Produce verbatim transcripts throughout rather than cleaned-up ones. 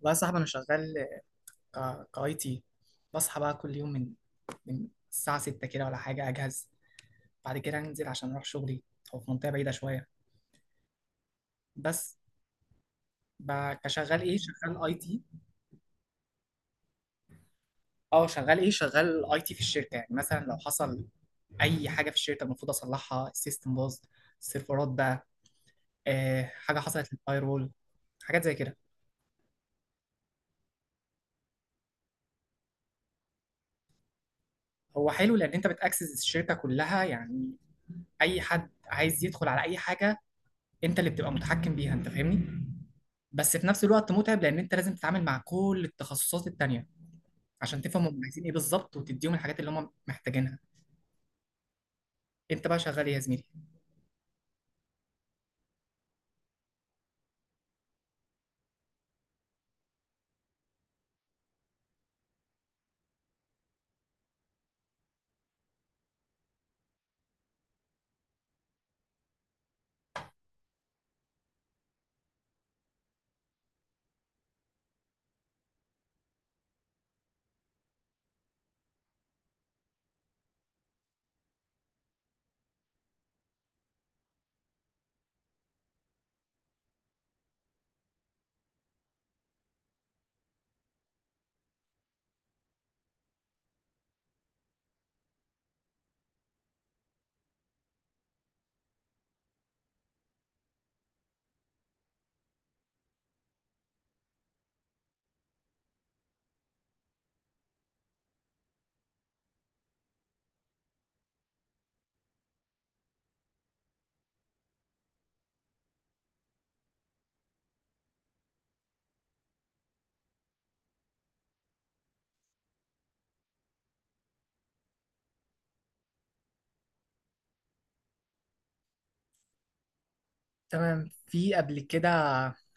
والله يا صاحبي انا شغال. آه، كاي تي. بصحى بقى كل يوم من من الساعه ستة كده ولا حاجه، اجهز بعد كده انزل عشان اروح شغلي. هو في منطقه بعيده شويه، بس ب- كشغال ايه؟ شغال اي تي. اه شغال ايه؟ شغال اي تي في الشركه، يعني مثلا لو حصل اي حاجه في الشركه المفروض اصلحها. السيستم باظ، السيرفرات بقى، آه حاجه حصلت للفاير وول، حاجات زي كده. هو حلو لان انت بتاكسس الشركه كلها، يعني اي حد عايز يدخل على اي حاجه انت اللي بتبقى متحكم بيها. انت فاهمني؟ بس في نفس الوقت متعب، لان انت لازم تتعامل مع كل التخصصات التانية عشان تفهم هم عايزين ايه بالظبط وتديهم الحاجات اللي هم محتاجينها. انت بقى شغال إيه يا زميلي؟ تمام. في قبل كده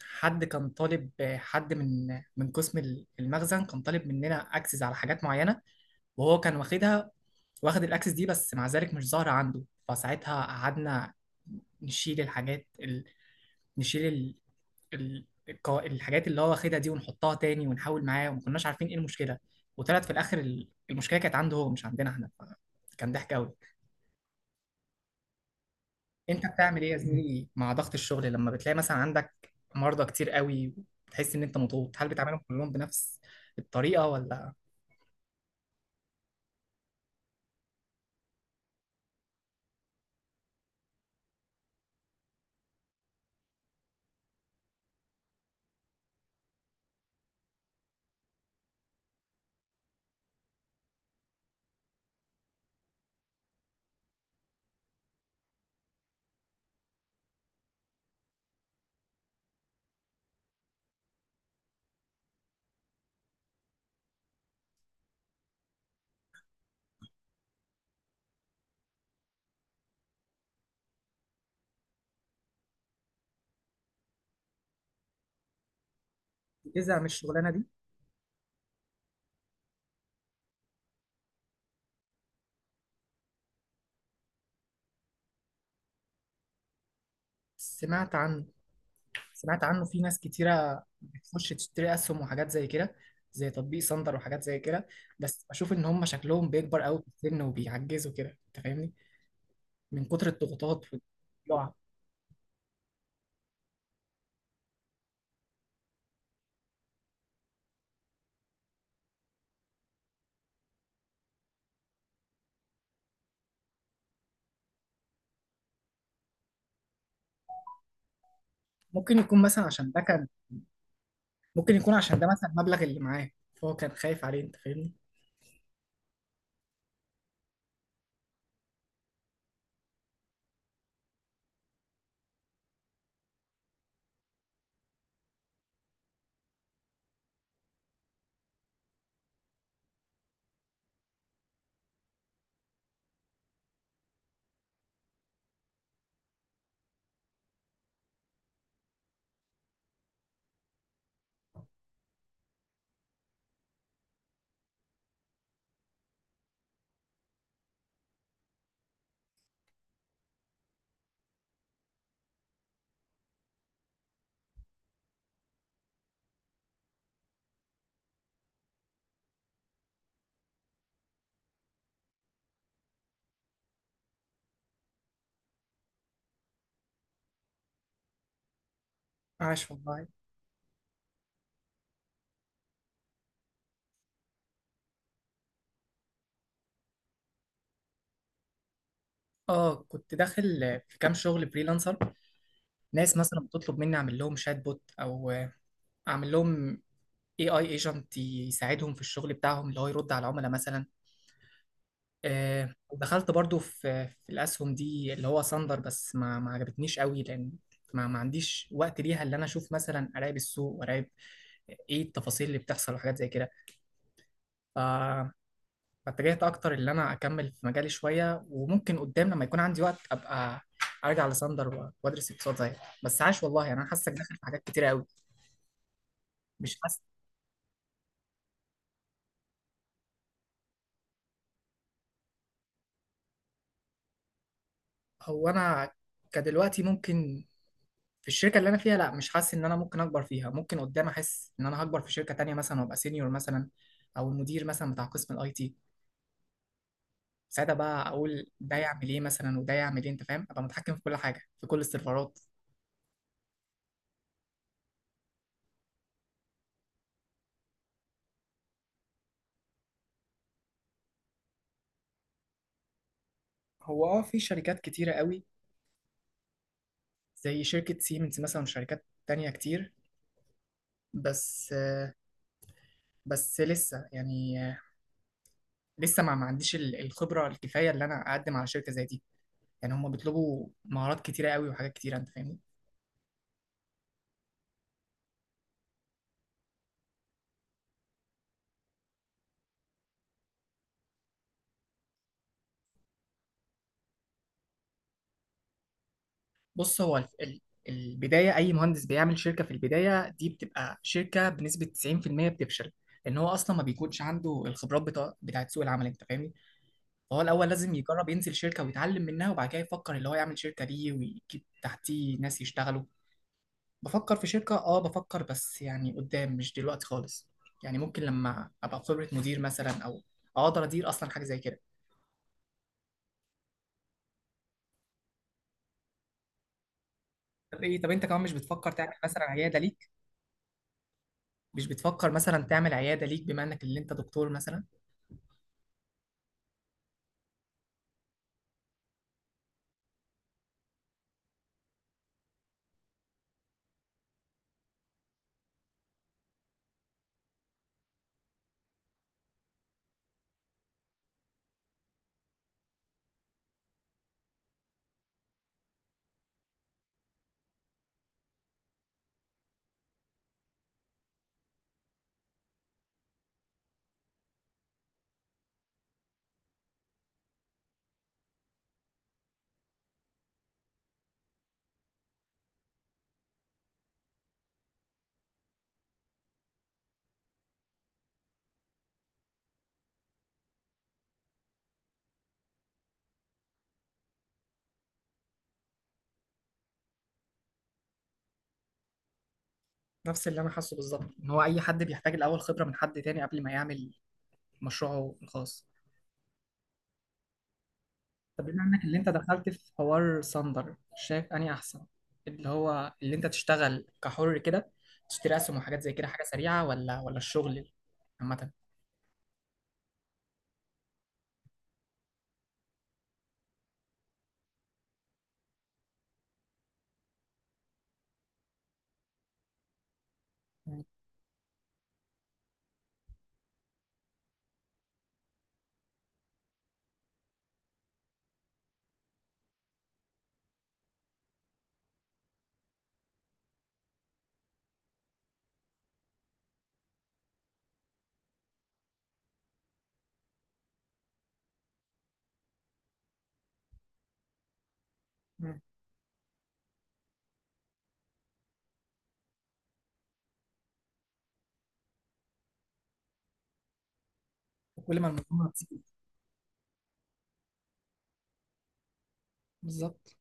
حد كان طالب، حد من من قسم المخزن كان طالب مننا اكسس على حاجات معينة، وهو كان واخدها، واخد الاكسس دي، بس مع ذلك مش ظاهرة عنده. فساعتها قعدنا نشيل الحاجات ال... نشيل ال- الق- الحاجات اللي هو واخدها دي ونحطها تاني ونحاول معاه، وما كناش عارفين ايه المشكله. وطلعت في الاخر ال- المشكله كانت عنده هو، مش عندنا احنا. كان ضحك قوي. انت بتعمل ايه يا زميلي مع ضغط الشغل لما بتلاقي مثلا عندك مرضى كتير قوي وتحس ان انت مضغوط؟ هل بتعاملهم كلهم بنفس الطريقه ولا بتزهق من الشغلانه دي؟ سمعت عنه، سمعت عنه. في ناس كتيره بتخش تشتري اسهم وحاجات زي كده، زي تطبيق صندر وحاجات زي كده. بس بشوف ان هم شكلهم بيكبر قوي في السن وبيعجزوا كده. انت فاهمني؟ من كتر الضغوطات والجوع. ممكن يكون مثلا عشان ده كان، ممكن يكون عشان ده مثلا المبلغ اللي معاه، فهو كان خايف عليه. انت فاهمني؟ عاش والله. اه كنت داخل في كام شغل فريلانسر. ناس مثلا بتطلب مني اعمل لهم شات بوت، او اعمل لهم اي اي ايجنت يساعدهم في الشغل بتاعهم، اللي هو يرد على العملاء مثلا. آه، دخلت برضو في في الاسهم دي اللي هو صندر، بس ما ما عجبتنيش قوي، لان ما ما عنديش وقت ليها، اللي انا اشوف مثلا اراقب السوق واراقب ايه التفاصيل اللي بتحصل وحاجات زي كده. فاتجهت اكتر ان انا اكمل في مجالي شويه، وممكن قدام لما يكون عندي وقت ابقى ارجع لساندر و- وادرس اقتصاد زيك. بس عاش والله، يعني انا حاسك داخل في حاجات كتيره قوي. مش حاسس. هو انا كدلوقتي ممكن، في الشركه اللي انا فيها لا، مش حاسس ان انا ممكن اكبر فيها. ممكن قدام احس ان انا هكبر في شركه تانية مثلا وابقى سينيور مثلا، او المدير مثلا بتاع قسم الاي تي. ساعتها بقى اقول ده يعمل ايه مثلا وده يعمل ايه، انت فاهم؟ ابقى متحكم في كل حاجه، في كل السيرفرات. هو اه في شركات كتيره قوي، زي شركة سيمنز مثلا وشركات تانية كتير. بس بس لسه يعني، لسه ما ما عنديش ال- الخبرة الكفاية اللي أنا أقدم على شركة زي دي. يعني هم بيطلبوا مهارات كتيرة قوي وحاجات كتيرة، أنت فاهمني؟ بص، هو الف- ال- البداية أي مهندس بيعمل شركة في البداية دي بتبقى شركة بنسبة تسعين في المية بتفشل، لأن هو أصلا ما بيكونش عنده الخبرات بتاع بتاعت سوق العمل. أنت فاهمني؟ فهو الأول لازم يجرب ينزل شركة ويتعلم منها، وبعد كده يفكر اللي هو يعمل شركة ليه ويجيب تحتيه ناس يشتغلوا. بفكر في شركة، اه بفكر، بس يعني قدام، مش دلوقتي خالص. يعني ممكن لما ابقى خبرة مدير مثلا، او اقدر ادير اصلا حاجة زي كده. طب ايه، طب انت كمان مش بتفكر تعمل مثلا عيادة ليك؟ مش بتفكر مثلا تعمل عيادة ليك بما انك اللي انت دكتور مثلا؟ نفس اللي انا حاسه بالظبط، ان هو اي حد بيحتاج الاول خبرة من حد تاني قبل ما يعمل مشروعه الخاص. طب بما انك اللي انت دخلت في حوار صندر، شايف اني احسن اللي هو اللي انت تشتغل كحر كده، تشتري اسهم وحاجات زي كده حاجة سريعة، ولا ولا الشغل عامة؟ مم. مم. وكل ما المنظومة تزيد. بالظبط.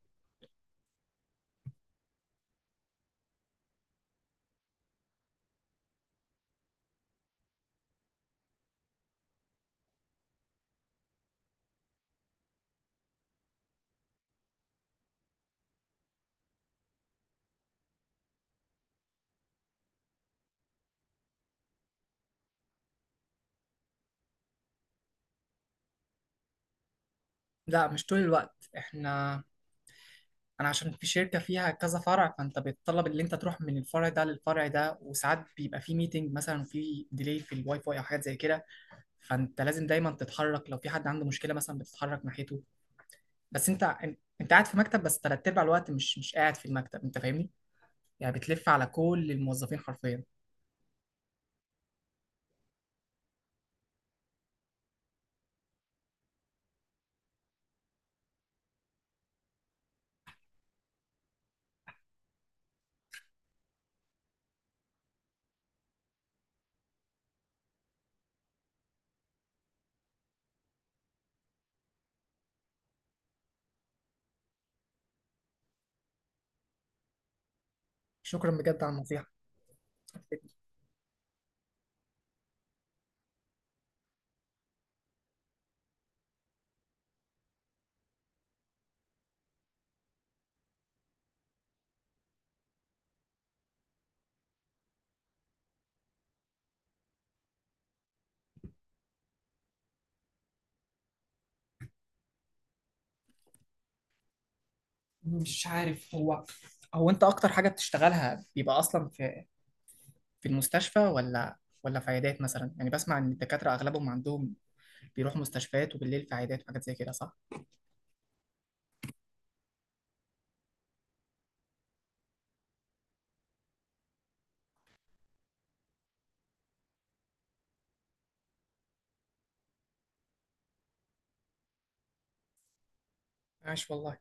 لا مش طول الوقت، احنا انا عشان في شركة فيها كذا فرع، فانت بيتطلب ان انت تروح من الفرع ده للفرع ده، وساعات بيبقى في ميتنج مثلا في ديلي في الواي فاي او حاجات زي كده. فانت لازم دايما تتحرك، لو في حد عنده مشكلة مثلا بتتحرك ناحيته. بس انت، انت قاعد في مكتب، بس تلات ارباع الوقت مش مش قاعد في المكتب. انت فاهمني؟ يعني بتلف على كل الموظفين حرفيا. شكرا بجد على النصيحة. مش عارف، هو، هو انت اكتر حاجة بتشتغلها بيبقى اصلا في في المستشفى، ولا ولا في عيادات مثلا؟ يعني بسمع ان الدكاترة اغلبهم عندهم بيروحوا مستشفيات وبالليل في عيادات وحاجات زي كده، صح؟ عاش والله.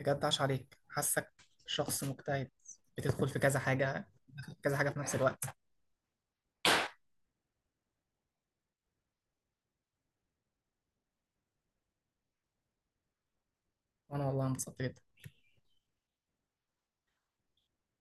بجد عاش عليك، حاسك شخص مجتهد، بتدخل في كذا حاجة، كذا حاجة في نفس الوقت. وانا والله انبسطت جدا.